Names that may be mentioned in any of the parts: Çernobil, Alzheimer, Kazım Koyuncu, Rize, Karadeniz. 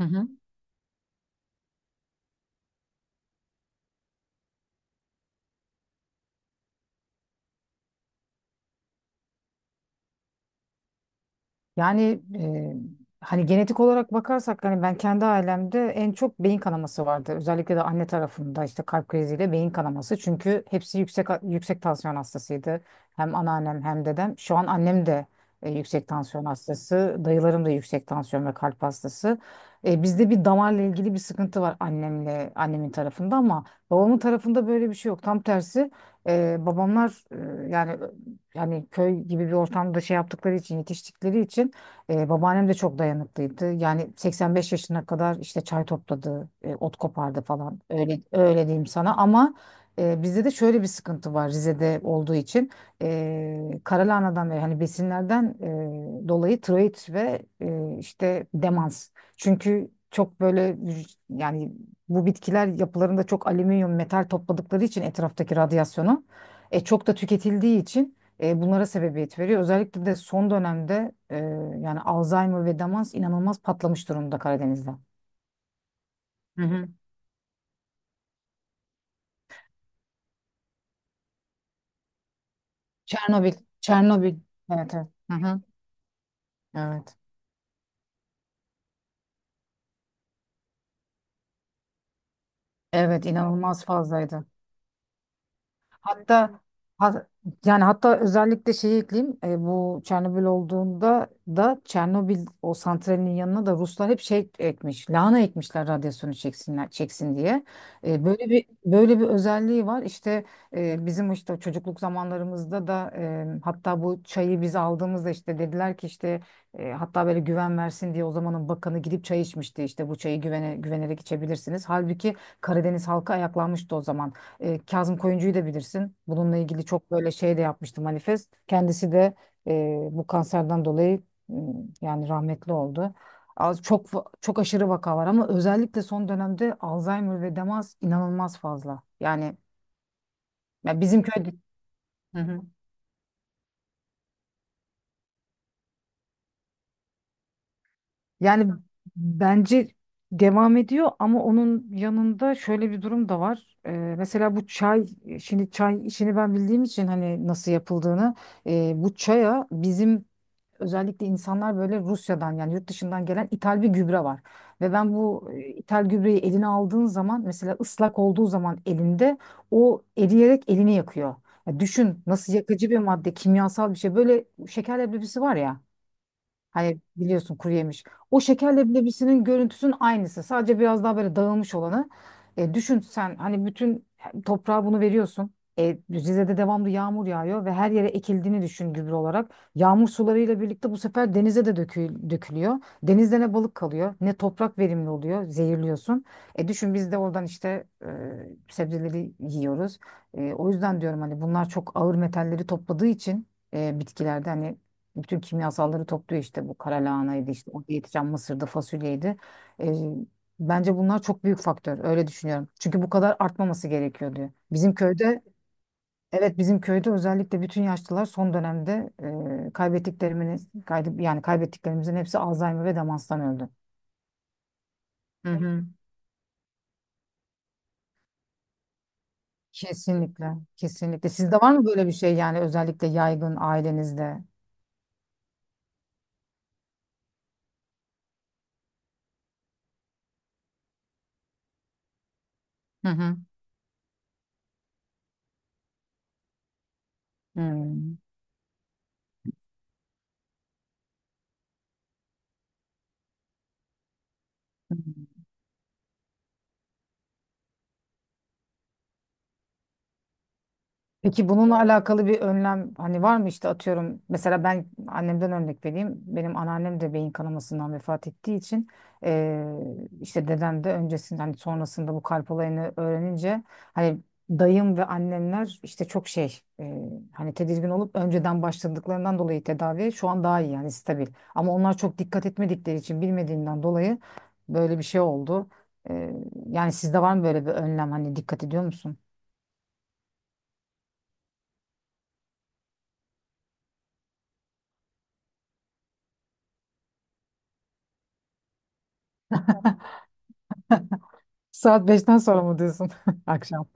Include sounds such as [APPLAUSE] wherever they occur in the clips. Hı hı. Yani hani genetik olarak bakarsak hani ben kendi ailemde en çok beyin kanaması vardı. Özellikle de anne tarafında işte kalp kriziyle beyin kanaması. Çünkü hepsi yüksek yüksek tansiyon hastasıydı. Hem anneannem hem dedem. Şu an annem de yüksek tansiyon hastası. Dayılarım da yüksek tansiyon ve kalp hastası. Bizde bir damarla ilgili bir sıkıntı var annemle annemin tarafında ama babamın tarafında böyle bir şey yok. Tam tersi, babamlar, yani köy gibi bir ortamda şey yaptıkları için yetiştikleri için, babaannem de çok dayanıklıydı. Yani 85 yaşına kadar işte çay topladı, ot kopardı falan. Öyle öyle diyeyim sana ama bizde de şöyle bir sıkıntı var Rize'de olduğu için. Karalahana'dan ve hani besinlerden dolayı tiroid ve işte demans. Çünkü çok böyle yani bu bitkiler yapılarında çok alüminyum metal topladıkları için etraftaki radyasyonu, çok da tüketildiği için, bunlara sebebiyet veriyor. Özellikle de son dönemde, yani Alzheimer ve demans inanılmaz patlamış durumda Karadeniz'de. Hı hı. Çernobil, Çernobil. Evet, evet. Hı hı. Evet. Evet, inanılmaz fazlaydı. Hatta ha- yani hatta özellikle şey ekleyeyim, bu Çernobil olduğunda da Çernobil o santralinin yanına da Ruslar hep şey ekmiş lahana ekmişler radyasyonu çeksin diye. Böyle bir özelliği var İşte e, bizim işte çocukluk zamanlarımızda da, hatta bu çayı biz aldığımızda işte dediler ki işte, hatta böyle güven versin diye o zamanın bakanı gidip çay içmişti işte bu çayı güvenerek içebilirsiniz. Halbuki Karadeniz halkı ayaklanmıştı o zaman. Kazım Koyuncu'yu da bilirsin. Bununla ilgili çok böyle şey de yapmıştı manifest. Kendisi de e, bu kanserden dolayı m, yani rahmetli oldu. Az çok çok aşırı vaka var ama özellikle son dönemde Alzheimer ve demans inanılmaz fazla. Yani ya bizim köyde. Hı hı. Yani bence devam ediyor ama onun yanında şöyle bir durum da var. Mesela bu çay, şimdi çay işini ben bildiğim için hani nasıl yapıldığını, bu çaya bizim özellikle insanlar böyle Rusya'dan yani yurt dışından gelen ithal bir gübre var. Ve ben bu ithal gübreyi eline aldığın zaman mesela ıslak olduğu zaman elinde o eriyerek elini yakıyor. Ya düşün nasıl yakıcı bir madde, kimyasal bir şey. Böyle şeker leblebisi var ya. Hani biliyorsun kuru yemiş. O şekerle bilebisinin görüntüsünün aynısı. Sadece biraz daha böyle dağılmış olanı. Düşün sen hani bütün toprağa bunu veriyorsun. Rize'de devamlı yağmur yağıyor ve her yere ekildiğini düşün gübre olarak. Yağmur sularıyla birlikte bu sefer denize de dökülüyor. Denizde ne balık kalıyor, ne toprak verimli oluyor, zehirliyorsun. Düşün biz de oradan işte, sebzeleri yiyoruz. O yüzden diyorum hani bunlar çok ağır metalleri topladığı için, bitkilerde hani bütün kimyasalları topluyor işte bu kara lahanaydı işte orada yetişen mısırdı fasulyeydi. E, bence bunlar çok büyük faktör öyle düşünüyorum. Çünkü bu kadar artmaması gerekiyor diyor. Bizim köyde özellikle bütün yaşlılar son dönemde, yani kaybettiklerimizin hepsi Alzheimer ve demanstan öldü. Hı hı. Kesinlikle, kesinlikle. Sizde var mı böyle bir şey yani özellikle yaygın ailenizde? Hı hı. Hmm. Peki bununla alakalı bir önlem hani var mı işte atıyorum mesela ben annemden örnek vereyim benim anneannem de beyin kanamasından vefat ettiği için, eee, işte dedem de öncesinde hani sonrasında bu kalp olayını öğrenince hani dayım ve annemler işte çok şey, hani tedirgin olup önceden başladıklarından dolayı tedavi şu an daha iyi yani stabil ama onlar çok dikkat etmedikleri için bilmediğinden dolayı böyle bir şey oldu. Eee, Yani sizde var mı böyle bir önlem hani dikkat ediyor musunuz? Saat 5'ten sonra mı diyorsun [LAUGHS] akşam?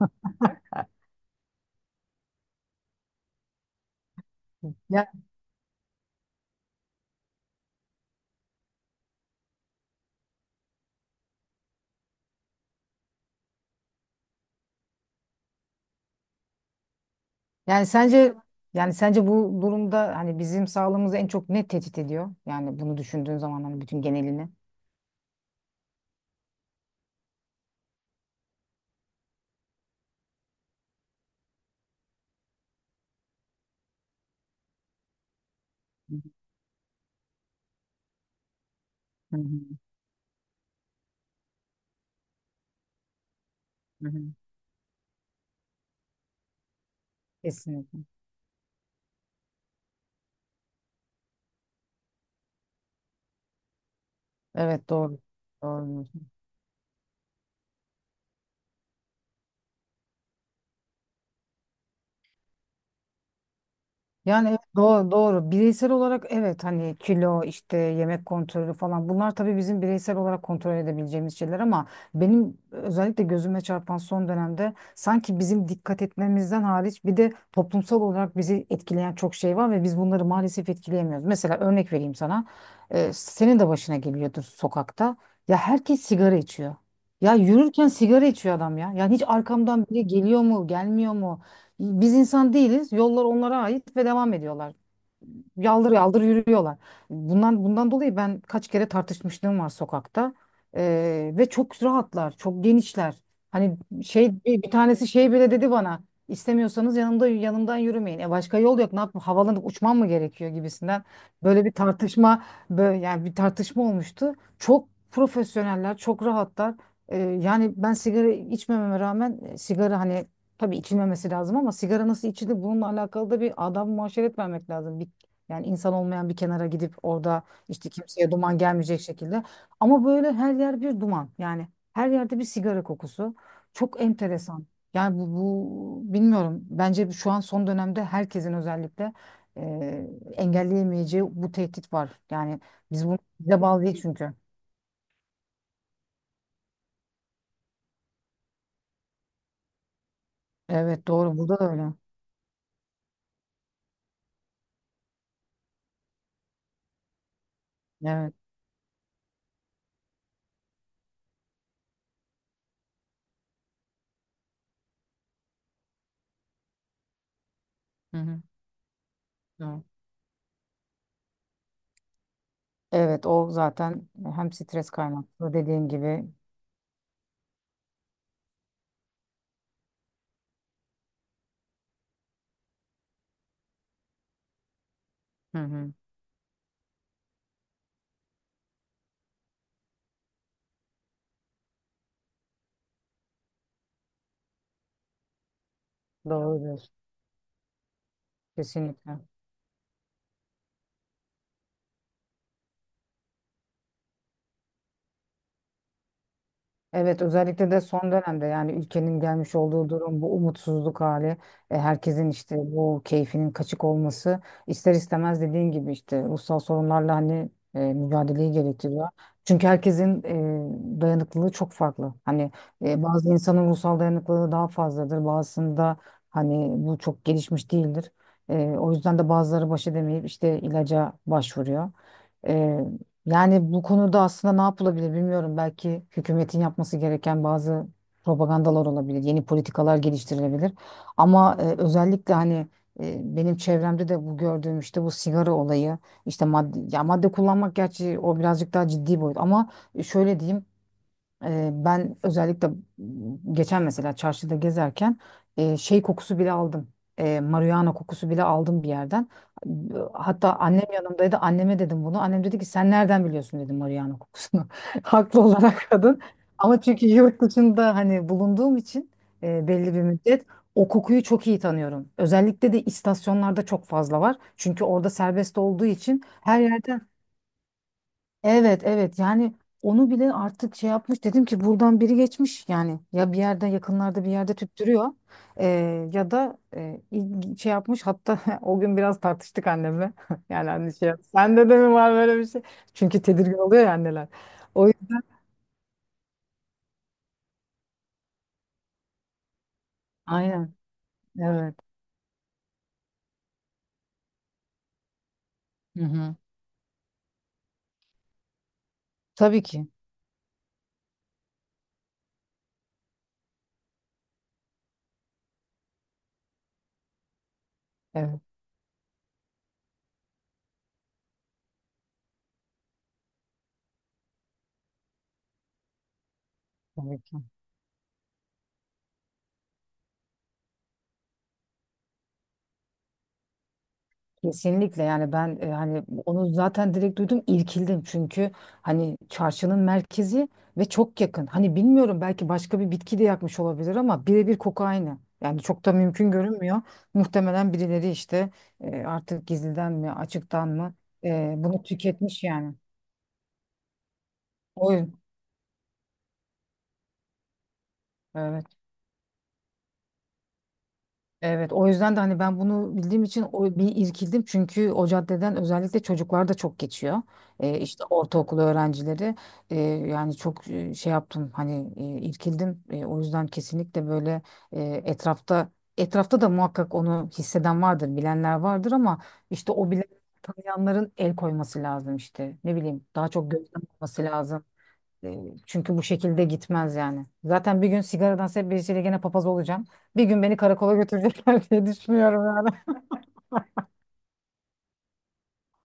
Ya, yani sence yani sence bu durumda hani bizim sağlığımızı en çok ne tehdit ediyor? Yani bunu düşündüğün zaman hani bütün genelini. Hı hı, hı hı. Kesinlikle. Evet, doğru. Doğru. Yani evet, doğru, doğru. Bireysel olarak evet hani kilo işte yemek kontrolü falan bunlar tabii bizim bireysel olarak kontrol edebileceğimiz şeyler ama benim özellikle gözüme çarpan son dönemde sanki bizim dikkat etmemizden hariç bir de toplumsal olarak bizi etkileyen çok şey var ve biz bunları maalesef etkileyemiyoruz. Mesela örnek vereyim sana. Senin de başına geliyordur sokakta. Ya herkes sigara içiyor. Ya yürürken sigara içiyor adam ya. Yani hiç arkamdan biri geliyor mu, gelmiyor mu? Biz insan değiliz. Yollar onlara ait ve devam ediyorlar. Yaldır yaldır yürüyorlar. Bundan dolayı ben kaç kere tartışmışlığım var sokakta. Ve çok rahatlar, çok genişler. Hani şey bir tanesi şey bile dedi bana. İstemiyorsanız yanımda yanımdan yürümeyin. E başka yol yok. Ne yapayım? Havalanıp uçmam mı gerekiyor gibisinden. Böyle bir tartışma, böyle yani bir tartışma olmuştu. Çok profesyoneller, çok rahatlar. Yani ben sigara içmememe rağmen, sigara hani. Tabii içilmemesi lazım ama sigara nasıl içilir bununla alakalı da bir adam muaşeret vermek lazım. Bir, yani insan olmayan bir kenara gidip orada işte kimseye duman gelmeyecek şekilde. Ama böyle her yer bir duman. Yani her yerde bir sigara kokusu. Çok enteresan. Yani bu bilmiyorum. Bence şu an son dönemde herkesin özellikle, e, engelleyemeyeceği bu tehdit var. Yani biz bunu bize bağlı değil çünkü. Evet, doğru. Burada da öyle. Evet. Hı hı. Doğru. Evet o zaten hem stres kaynaklı dediğin gibi. Hı hı. Doğru diyorsun. Kesinlikle. Evet özellikle de son dönemde yani ülkenin gelmiş olduğu durum bu umutsuzluk hali, herkesin işte bu keyfinin kaçık olması ister istemez dediğin gibi işte ruhsal sorunlarla hani mücadeleyi gerektiriyor. Çünkü herkesin dayanıklılığı çok farklı. Hani bazı insanın ruhsal dayanıklılığı daha fazladır bazısında hani bu çok gelişmiş değildir. O yüzden de bazıları baş edemeyip işte ilaca başvuruyor. E, yani bu konuda aslında ne yapılabilir bilmiyorum. Belki hükümetin yapması gereken bazı propagandalar olabilir, yeni politikalar geliştirilebilir. Ama özellikle hani benim çevremde de bu gördüğüm işte bu sigara olayı, işte madde, ya madde kullanmak gerçi o birazcık daha ciddi boyut. Ama şöyle diyeyim. Ben özellikle geçen mesela çarşıda gezerken şey kokusu bile aldım. Marihuana kokusu bile aldım bir yerden. Hatta annem yanımdaydı. Anneme dedim bunu. Annem dedi ki sen nereden biliyorsun dedim marihuana kokusunu. [LAUGHS] Haklı olarak kadın. Ama çünkü yurt dışında hani bulunduğum için, belli bir müddet o kokuyu çok iyi tanıyorum. Özellikle de istasyonlarda çok fazla var. Çünkü orada serbest olduğu için her yerde. Evet, evet, yani onu bile artık şey yapmış, dedim ki buradan biri geçmiş yani, ya bir yerde, yakınlarda bir yerde tüttürüyor. Ya da şey yapmış hatta [LAUGHS] o gün biraz tartıştık annemle [LAUGHS] yani anne sende de mi var böyle bir şey, çünkü tedirgin oluyor ya anneler, o yüzden, aynen, evet, hı hı. Tabii ki, evet, tabii ki. Kesinlikle, yani ben hani onu zaten direkt duydum, irkildim, çünkü hani çarşının merkezi ve çok yakın. Hani bilmiyorum belki başka bir bitki de yakmış olabilir ama birebir koku aynı. Yani çok da mümkün görünmüyor. Muhtemelen birileri işte artık gizliden mi açıktan mı bunu tüketmiş yani. O evet. Evet, o yüzden de hani ben bunu bildiğim için bir irkildim, çünkü o caddeden özellikle çocuklar da çok geçiyor. İşte ortaokul öğrencileri. Ee, Yani çok şey yaptım, hani irkildim. O yüzden kesinlikle böyle etrafta da muhakkak onu hisseden vardır, bilenler vardır ama işte o bile, tanıyanların el koyması lazım işte. Ne bileyim, daha çok gözlem olması lazım. E, Çünkü bu şekilde gitmez yani. Zaten bir gün sigaradan hep birisiyle gene papaz olacağım. Bir gün beni karakola götürecekler [LAUGHS] diye düşünüyorum yani.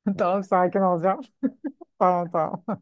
[LAUGHS] Tamam, sakin olacağım. Tamam, tamam.